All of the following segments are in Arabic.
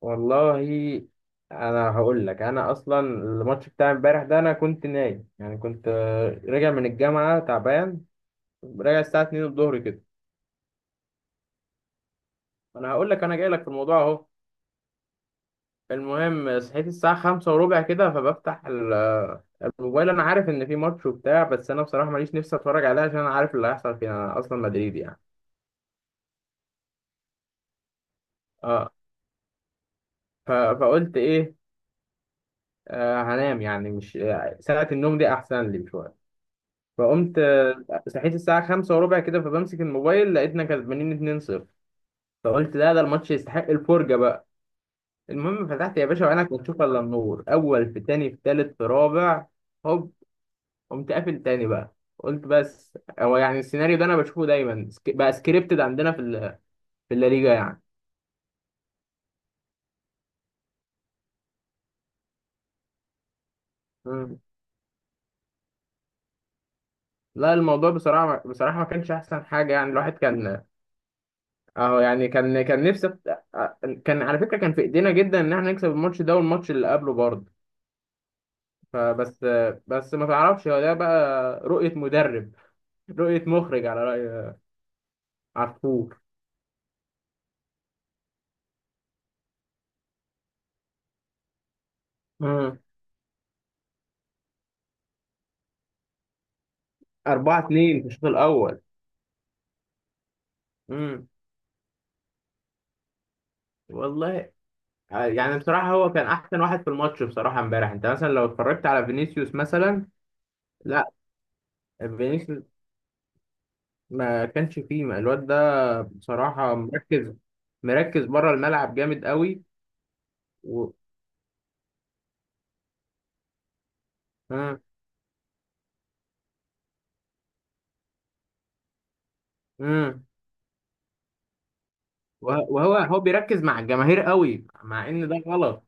والله، انا هقول لك، انا اصلا الماتش بتاع امبارح ده انا كنت نايم، يعني كنت راجع من الجامعه تعبان. راجع الساعه 2 الظهر كده. انا هقول لك انا جاي لك في الموضوع اهو. المهم صحيت الساعه 5 وربع كده، فبفتح الموبايل. انا عارف ان في ماتش وبتاع، بس انا بصراحه ماليش نفسي اتفرج عليه عشان انا عارف اللي هيحصل فيه، انا اصلا مدريدي يعني. اه. فقلت ايه، هنام يعني، مش ساعه النوم دي احسن لي شويه. فقمت صحيت الساعة خمسة وربع كده، فبمسك الموبايل، لقيتنا كسبانين 2-0. فقلت لا، ده الماتش يستحق الفرجة بقى. المهم فتحت يا باشا وعينك ما تشوف إلا النور، أول في تاني في تالت في رابع. هوب. قمت قافل تاني بقى. قلت بس هو يعني السيناريو ده أنا بشوفه دايما، بقى سكريبتد عندنا في الليجا يعني. مم. لا الموضوع بصراحة ما كانش أحسن حاجة، يعني الواحد كان أهو يعني، كان نفسه. كان على فكرة كان في إيدينا جدا إن إحنا نكسب الماتش ده والماتش اللي قبله برضه. فبس ما تعرفش، هو ده بقى. رؤية مدرب، رؤية مخرج، على رأي عفور. مم. 4-2 في الشوط الأول. امم والله. يعني بصراحة هو كان أحسن واحد في الماتش بصراحة امبارح. أنت مثلا لو اتفرجت على فينيسيوس مثلا. لا. فينيسيوس ما كانش فيه، ما الواد ده بصراحة مركز، مركز بره الملعب جامد قوي. و. امم وهو هو بيركز مع الجماهير قوي، مع إن ده غلط.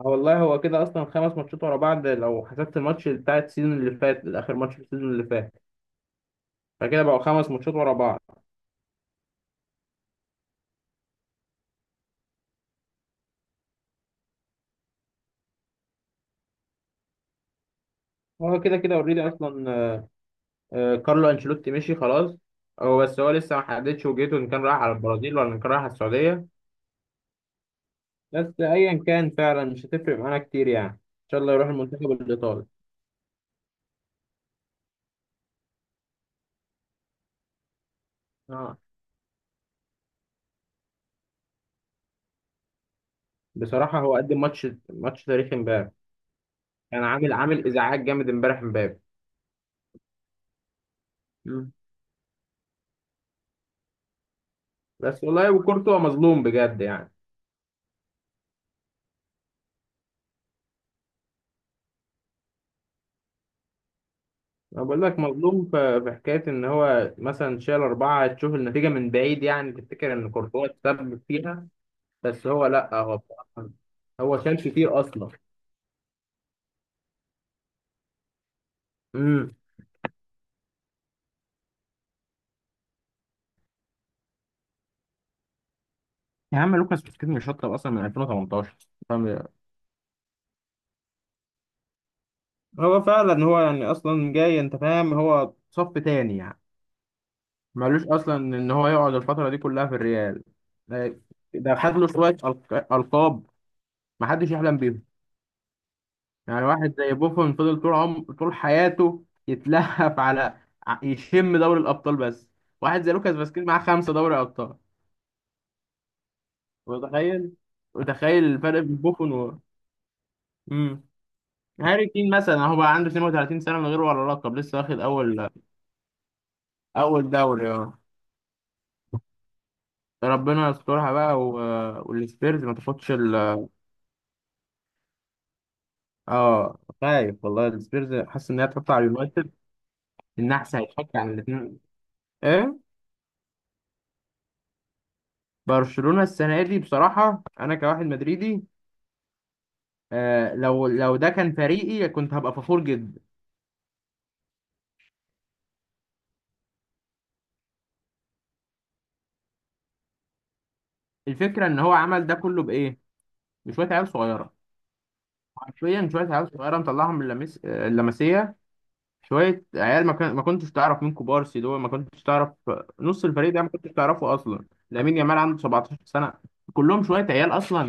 آه والله، هو كده اصلا 5 ماتشات ورا بعض، لو حسبت الماتش بتاع السيزون اللي فات، اخر ماتش في السيزون اللي فات. فكده بقوا 5 ماتشات ورا بعض. هو كده كده اوريدي اصلا. كارلو انشيلوتي مشي خلاص. هو، بس هو لسه ما حددش وجهته، ان كان رايح على البرازيل ولا ان كان رايح على السعوديه. بس ايا كان، فعلا مش هتفرق معانا كتير يعني، ان شاء الله يروح المنتخب الايطالي. اه، بصراحه هو قدم ماتش تاريخي امبارح. كان عامل ازعاج جامد امبارح امبابي. مم. بس والله، وكورتوا مظلوم بجد يعني. أنا بقول لك مظلوم في حكاية إن هو مثلا شال أربعة، تشوف النتيجة من بعيد يعني تفتكر إن كورتوا اتسبب فيها. بس هو، لأ هو بصراحة- هو شال كتير أصلا. امم يا عم لوكاس بوسكيت مش شطب اصلا من 2018. فاهم؟ هو فعلا يعني أصلا جاي، أنت فاهم، هو صف تاني يعني. مالوش اصلا ان هو يقعد الفتره دي كلها في الريال. ده ده خد له شويه القاب ما حدش يحلم بيهم. يعني واحد زي بوفون فضل طول عمر، طول حياته يتلهف على يشم دوري الابطال بس. واحد زي لوكاس فاسكيز معاه 5 دوري ابطال. متخيل متخيل الفرق بين بوفون و... امم. هاري كين مثلا هو بقى عنده 32 سنة، من غير ولا لقب، لسه واخد اول. اول دوري اه. ربنا يسترها بقى، و. والسبيرز ما تاخدش ال. اه، خايف والله، السبيرز حاسس ان هي تحط على اليونايتد. النحس هيتفك عن الاثنين. ايه؟ برشلونة السنة دي، بصراحة انا كواحد مدريدي، لو ده كان فريقي كنت هبقى فخور جدا. الفكره ان هو عمل ده كله بايه؟ بشويه عيال صغيره. حرفيا شويه عيال صغيره، مطلعهم من اللمسيه. شويه عيال، ما كنتش تعرف مين كوبارسي دول، ما كنتش تعرف. نص الفريق ده ما كنتش تعرفه اصلا. لامين يامال عنده 17 سنه. كلهم شويه عيال اصلا.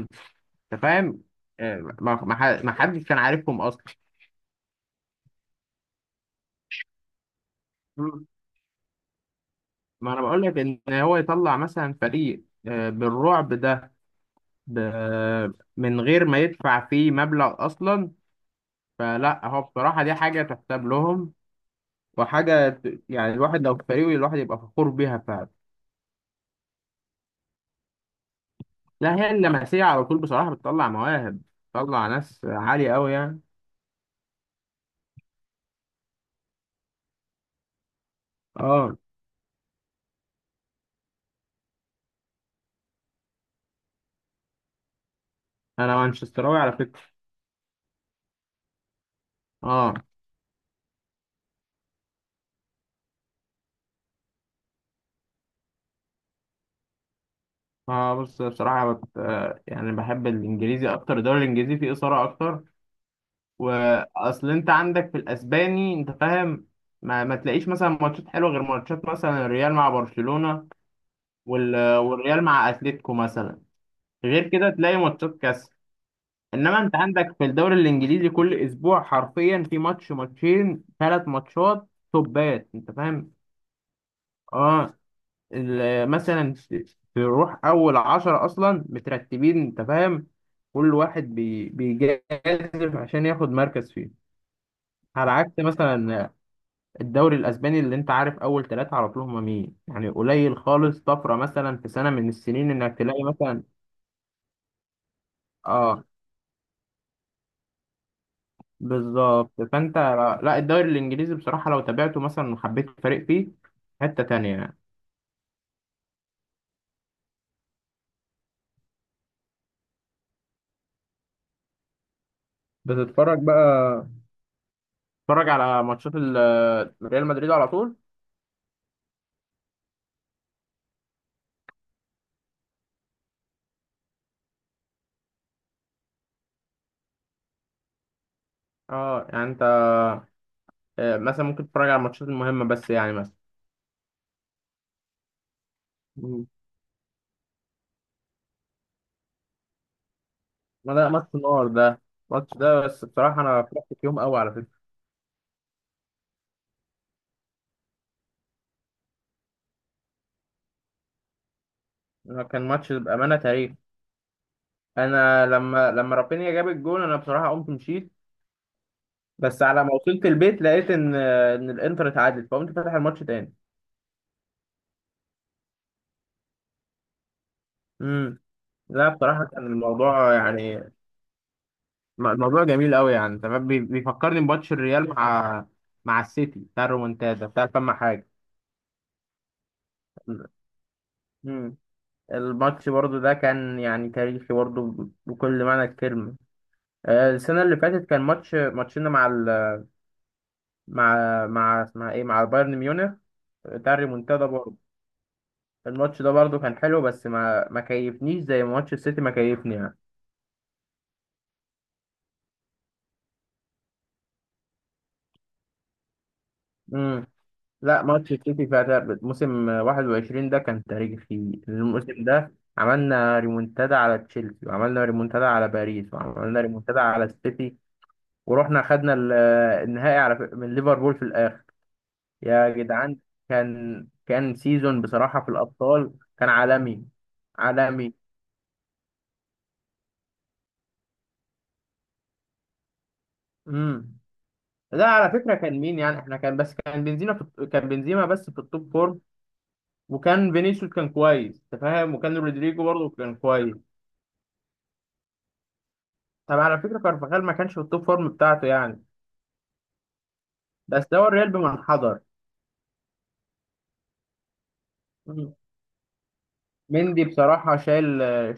انت فاهم. ما حدش كان عارفهم اصلا. مم. ما انا بقول لك، ان هو يطلع مثلا فريق بالرعب ده، ب... من غير ما يدفع فيه مبلغ اصلا. فلا، هو بصراحة دي حاجة تحسب لهم، وحاجة يعني الواحد لو في فريقه، الواحد يبقى فخور بيها فعلا. لا، هي اللمسية على طول بصراحة بتطلع مواهب، بتطلع ناس عالية أوي يعني. اه. أنا مانشستراوي على فكرة. اه. اه، بص بصراحة بت... آه، يعني بحب الإنجليزي أكتر، الدوري الإنجليزي فيه إثارة أكتر. وأصل أنت عندك في الأسباني، أنت فاهم، ما تلاقيش مثلا ماتشات حلوة غير ماتشات مثلا الريال مع برشلونة، والريال مع أتليتيكو مثلا. غير كده تلاقي ماتشات كاس. انما انت عندك في الدوري الانجليزي كل اسبوع حرفيا في ماتش، ماتشين، 3 ماتشات، توبات، انت فاهم. اه. مثلا تروح اول 10 اصلا مترتبين، انت فاهم، كل واحد بيجازف عشان ياخد مركز فيه. على عكس مثلا الدوري الاسباني، اللي انت عارف اول ثلاثة على طول هما مين يعني، قليل خالص طفرة مثلا في سنة من السنين انك تلاقي مثلا. اه بالظبط. فانت، لا، الدوري الانجليزي بصراحه لو تابعته مثلا وحبيت فريق فيه، حته تانية يعني. بتتفرج بقى تتفرج على ماتشات ريال مدريد على طول. اه، يعني انت مثلا ممكن تتفرج على الماتشات المهمه بس يعني، مثلا. مم. ما ده ماتش النار ده. الماتش ده بس بصراحه انا فرحت فيهم قوي على فكره. أنا كان ماتش بامانه تاريخ. انا لما رافينيا جاب الجون، انا بصراحه قمت مشيت. بس على ما وصلت البيت، لقيت ان الانتر اتعادل، فقمت فاتح الماتش تاني. مم. لا بصراحة كان الموضوع يعني، الموضوع جميل قوي يعني، تمام بيفكرني بماتش الريال مع، مع السيتي بتاع الرومونتادا بتاع فما حاجة. مم. الماتش برضو ده كان يعني تاريخي برضو، بكل معنى الكلمة. السنة اللي فاتت كان ماتش ماتشنا مع ال، مع اسمها ايه، مع بايرن ميونخ، بتاع الريمونتادا برضو. الماتش ده برضو كان حلو بس ما كيفنيش زي ماتش السيتي، ما كيفني يعني. لا، ماتش السيتي بتاع موسم 21 ده كان تاريخي. الموسم ده عملنا ريمونتادا على تشيلسي، وعملنا ريمونتادا على باريس، وعملنا ريمونتادا على السيتي، ورحنا خدنا ال، النهائي على من ليفربول في الآخر. يا جدعان. كان سيزون بصراحة في الأبطال كان عالمي. عالمي. امم. لا على فكرة كان مين يعني، احنا كان بس كان بنزيما بس في التوب فورم. وكان فينيسيوس كان كويس، انت فاهم، وكان رودريجو برضه كان كويس. طب على فكرة كارفاخال ما كانش في التوب فورم بتاعته يعني. بس ده هو الريال بمن حضر. مم. مندي بصراحة شايل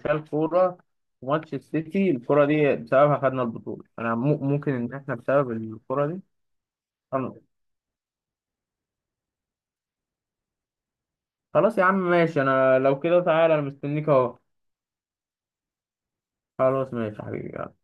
شايل كورة. في ماتش السيتي، الكورة دي بسببها خدنا البطولة. أنا ممكن إن إحنا بسبب الكورة دي. خلاص، خلاص يا عم ماشي، أنا لو كده تعالى، أنا مستنيك أهو. خلاص، ماشي يا حبيبي، يلا.